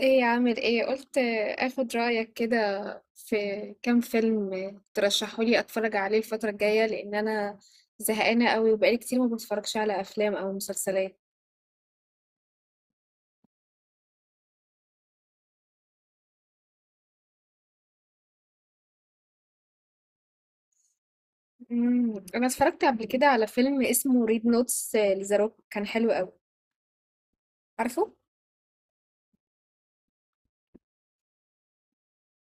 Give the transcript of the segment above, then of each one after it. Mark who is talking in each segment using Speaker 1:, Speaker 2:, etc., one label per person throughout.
Speaker 1: ايه، عامل ايه؟ قلت اخد رأيك كده في كام فيلم ترشحولي اتفرج عليه الفترة الجاية، لان انا زهقانة قوي وبقالي كتير ما بتفرجش على افلام او مسلسلات. انا اتفرجت قبل كده على فيلم اسمه ريد نوتس، لذا روك، كان حلو قوي. عارفه؟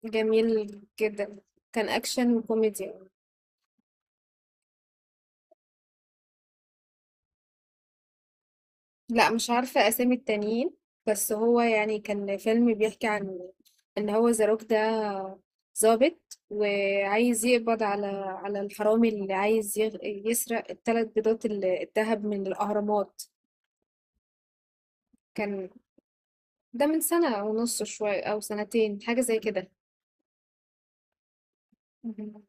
Speaker 1: جميل جدا. كان اكشن وكوميدي. لا، مش عارفة أسامي التانيين، بس هو يعني كان فيلم بيحكي عن إن هو زاروك ده ظابط وعايز يقبض على الحرامي اللي عايز يسرق الثلاث بيضات الذهب من الأهرامات. كان ده من سنة ونص شوية أو سنتين، حاجة زي كده. مهم.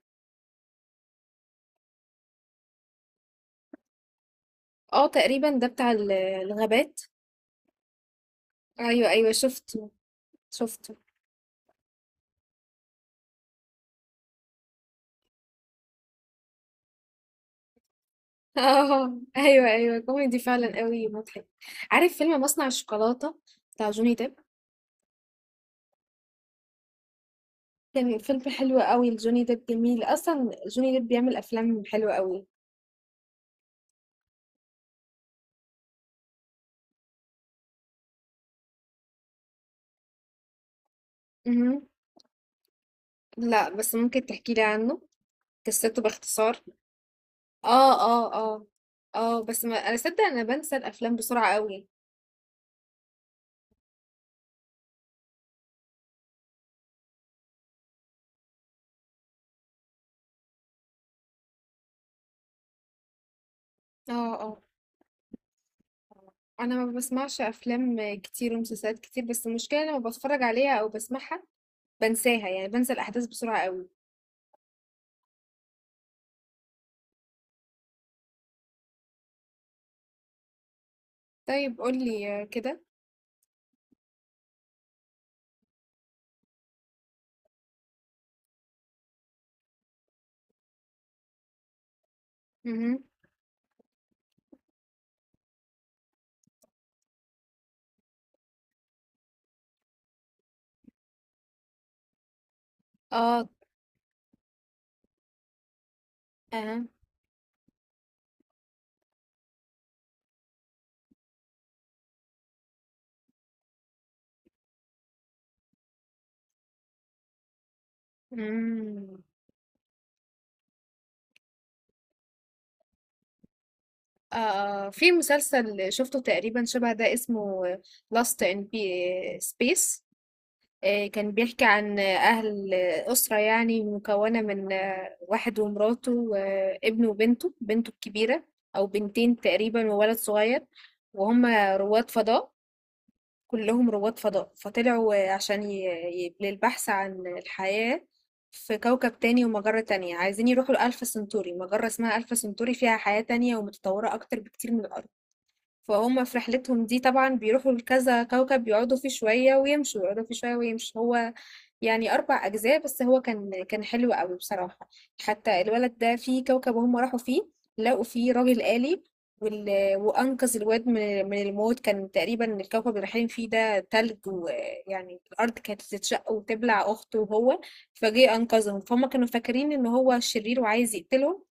Speaker 1: اه، تقريبا ده بتاع الغابات. أيوة، أيوة، شفته، شفته. اه، أيوة، أيوة، كوميدي فعلا، قوي مضحك. عارف فيلم مصنع الشوكولاتة بتاع جوني ديب؟ كان فيلم حلو أوي لجوني ديب، جميل، أصلًا جوني ديب بيعمل أفلام حلوة أوي. اهم. لأ، بس ممكن تحكي لي عنه؟ قصته باختصار؟ آه، آه، آه، آه، بس ما أنا صدق، أنا بانسى الأفلام بسرعة أوي. آه، آه، أنا ما باسمعش أفلام كتير ومسلسلات كتير، بس المشكلة لمّا باتفرج عليها أو باسمعها بانساها، يعني بانسى الأحداث بسرعة أوي. طيب قُل لي كده. اهم. آه. أها. إمم. آه، آه، في مسلسل شفته تقريبا شبه ده، اسمه Lost in Space. آه، كان بيحكي عن أهل أسرة، يعني مكونة من واحد ومراته وابنه وبنته، بنته الكبيرة أو بنتين تقريبا، وولد صغير، وهم رواد فضاء، كلهم رواد فضاء. فطلعوا عشان للبحث عن الحياة في كوكب تاني ومجرة تانية. عايزين يروحوا لألفا سنتوري، مجرة اسمها ألفا سنتوري فيها حياة تانية ومتطورة أكتر بكتير من الأرض. فهم في رحلتهم دي طبعا بيروحوا لكذا كوكب، يقعدوا فيه شوية ويمشوا، يقعدوا فيه شوية ويمشوا. هو يعني 4 أجزاء، بس هو كان حلو قوي بصراحة. حتى الولد ده في كوكب هم راحوا فيه لقوا فيه راجل آلي، وال... وأنقذ الواد من الموت. كان تقريبا الكوكب اللي رايحين فيه ده تلج، ويعني الأرض كانت تتشق وتبلع أخته، وهو فجه أنقذهم. فهم كانوا فاكرين إن هو شرير وعايز يقتلهم.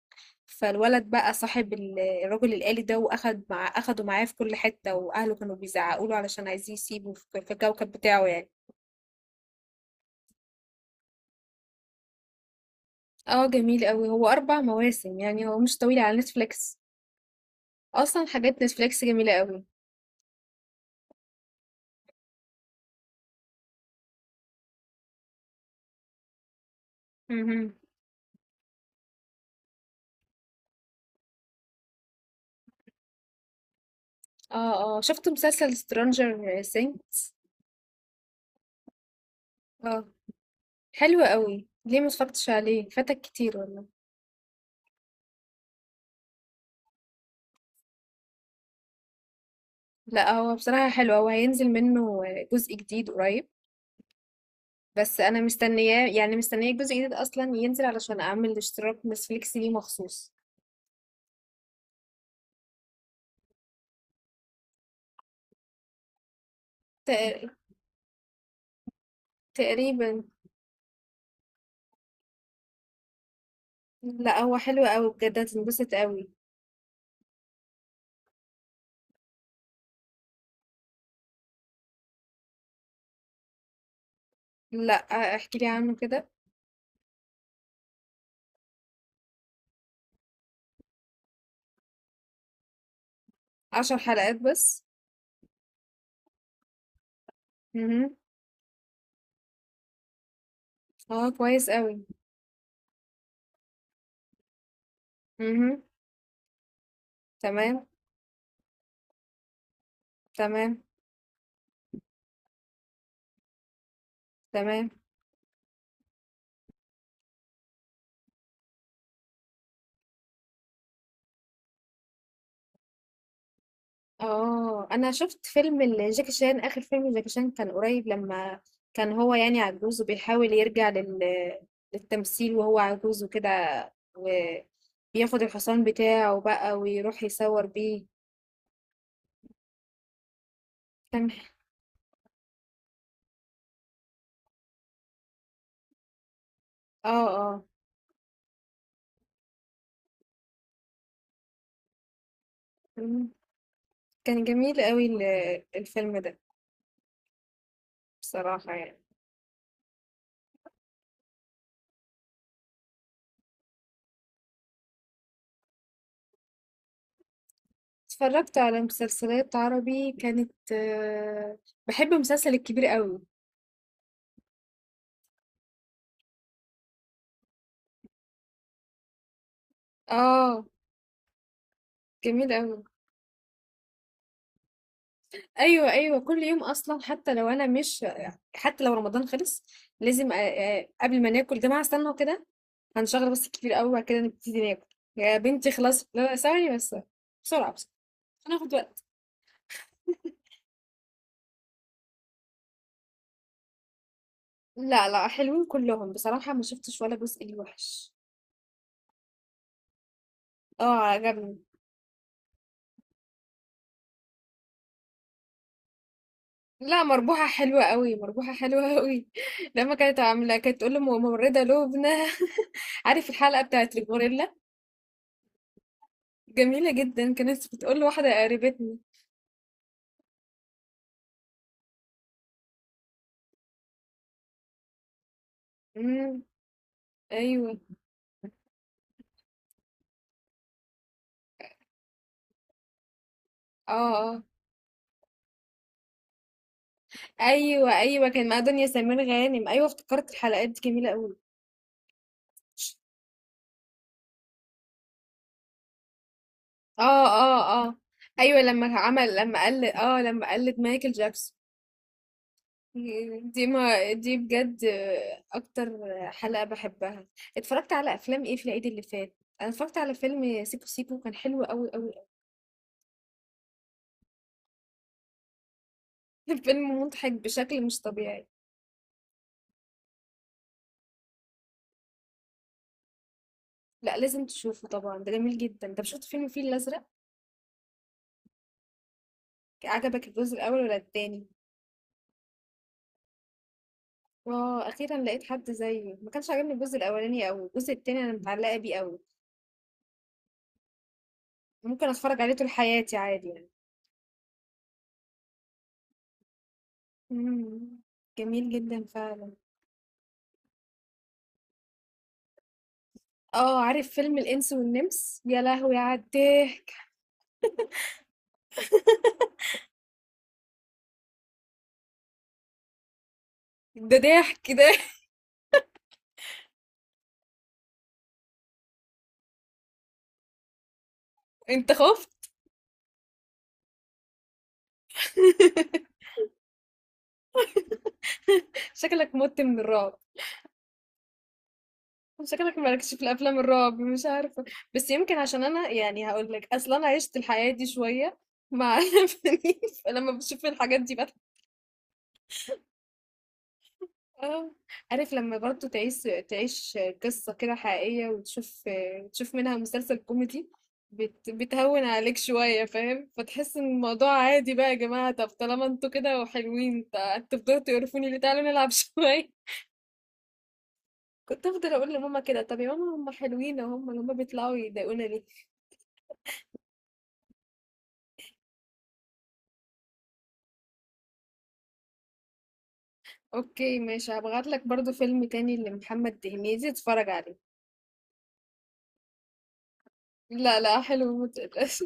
Speaker 1: فالولد بقى صاحب الراجل الآلي ده، واخد مع اخده معاه في كل حتة، واهله كانوا بيزعقوا له علشان عايزين يسيبه في الكوكب بتاعه يعني. اه جميل قوي، هو 4 مواسم يعني، هو مش طويل على نتفليكس. اصلا حاجات نتفليكس جميلة قوي. مهم. اه، اه، شفت مسلسل سترانجر سينكس؟ اه، حلو قوي، ليه ما اتفرجتش عليه؟ فاتك كتير والله. لا، هو بصراحة حلو. هو هينزل منه جزء جديد قريب، بس انا مستنياه يعني، مستنيه الجزء الجديد اصلا ينزل علشان اعمل اشتراك نتفليكس ليه مخصوص. تق- تقريبا. لا، هو حلو قوي بجد، هتنبسط قوي. لا، احكي لي عنه كده. 10 حلقات بس؟ امم. اه، كويس قوي. امم، تمام، تمام، تمام. آه، أنا شُفت فيلم لجاكي شان، آخر فيلم لجاكي شان كان قريب، لمّا كان هو يعني عجوز وبيحاول يرجع للتمثيل وهو عجوز وكده، وبياخد الحصان بتاعه بقى ويروح يصوّر بيه. كان ح آه، آه، إمم، كان جميل أوي الفيلم ده بصراحة يعني. اتفرّجت على مسلسلات عربي، باحب مسلسل الكبير أوي. آه، جميل أوي. ايوه، ايوه، كل يوم اصلا، حتى لو انا مش، حتى لو رمضان خلص لازم قبل ما ناكل جماعه استنوا كده، هنشغل بس الكبير قوي وبعد كده نبتدي ناكل. يا بنتي خلاص، لا، لا، ثواني بس، بسرعه بس، هناخد وقت. لا، لا، حلوين كلهم بصراحه، ما شفتش ولا جزء ليه وحش. اه، عجبني. لا، مربوحه حلوه قوي، مربوحه حلوه قوي. لما كانت عامله، كانت تقول له ممرضه لبنى. عارف الحلقه بتاعت الغوريلا؟ جميله جدا، كانت بتقول لواحده قريبتنا. امم. ايوه. اه، اه. ايوه، ايوه، كان مع دنيا سمير غانم، ايوه افتكرت، الحلقات دي جميله قوي. اه، اه، اه. ايوه، لما عمل لما قلد اه لما قلد مايكل جاكسون. دي ما دي بجد اكتر حلقه بحبها. اتفرجت على افلام ايه في العيد اللي فات؟ انا اتفرجت على فيلم سيكو سيكو، كان حلو قوي قوي قوي. فيلم مضحك بشكل مش طبيعي. لا، لازم تشوفه طبعا، ده جميل جدا. انت شفت فيلم الفيل الازرق؟ عجبك الجزء الاول ولا التاني؟ آه، أخيرا لقيت حد زيي، ما كانش عاجبني الجزء الأولاني أوي، الجزء التاني أنا متعلقة بيه أوي. ممكن أتفرج عليه طول حياتي عادي يعني. مم. جميل جدا فعلا. اه، عارف فيلم الإنس والنمس؟ يا لهوي على الضحك. ده ضحك ده. انت خفت؟ شكلك مت من الرعب، شكلك مالكش في الافلام الرعب، مش عارفه. بس يمكن عشان انا يعني هقول لك اصلا، انا عشت الحياه دي شويه مع فنيف، فلما بشوف الحاجات دي. اه، عارف لما برضو تعيش، تعيش قصة كده حقيقية، وتشوف، تشوف منها مسلسل كوميدي، بتهون عليك شوية، فاهم؟ فتحس ان الموضوع عادي بقى يا جماعة، طب طالما انتوا كده وحلوين تفضلوا تقرفوني ليه؟ تعالوا نلعب شوية. كنت افضل اقول لماما كده، طب يا ماما هم حلوين اهو، هم بيطلعوا يضايقونا ليه؟ اوكي ماشي، هبعت لك برضو فيلم تاني لمحمد هنيدي، اتفرج عليه. لا، لا، حلو متقلقش.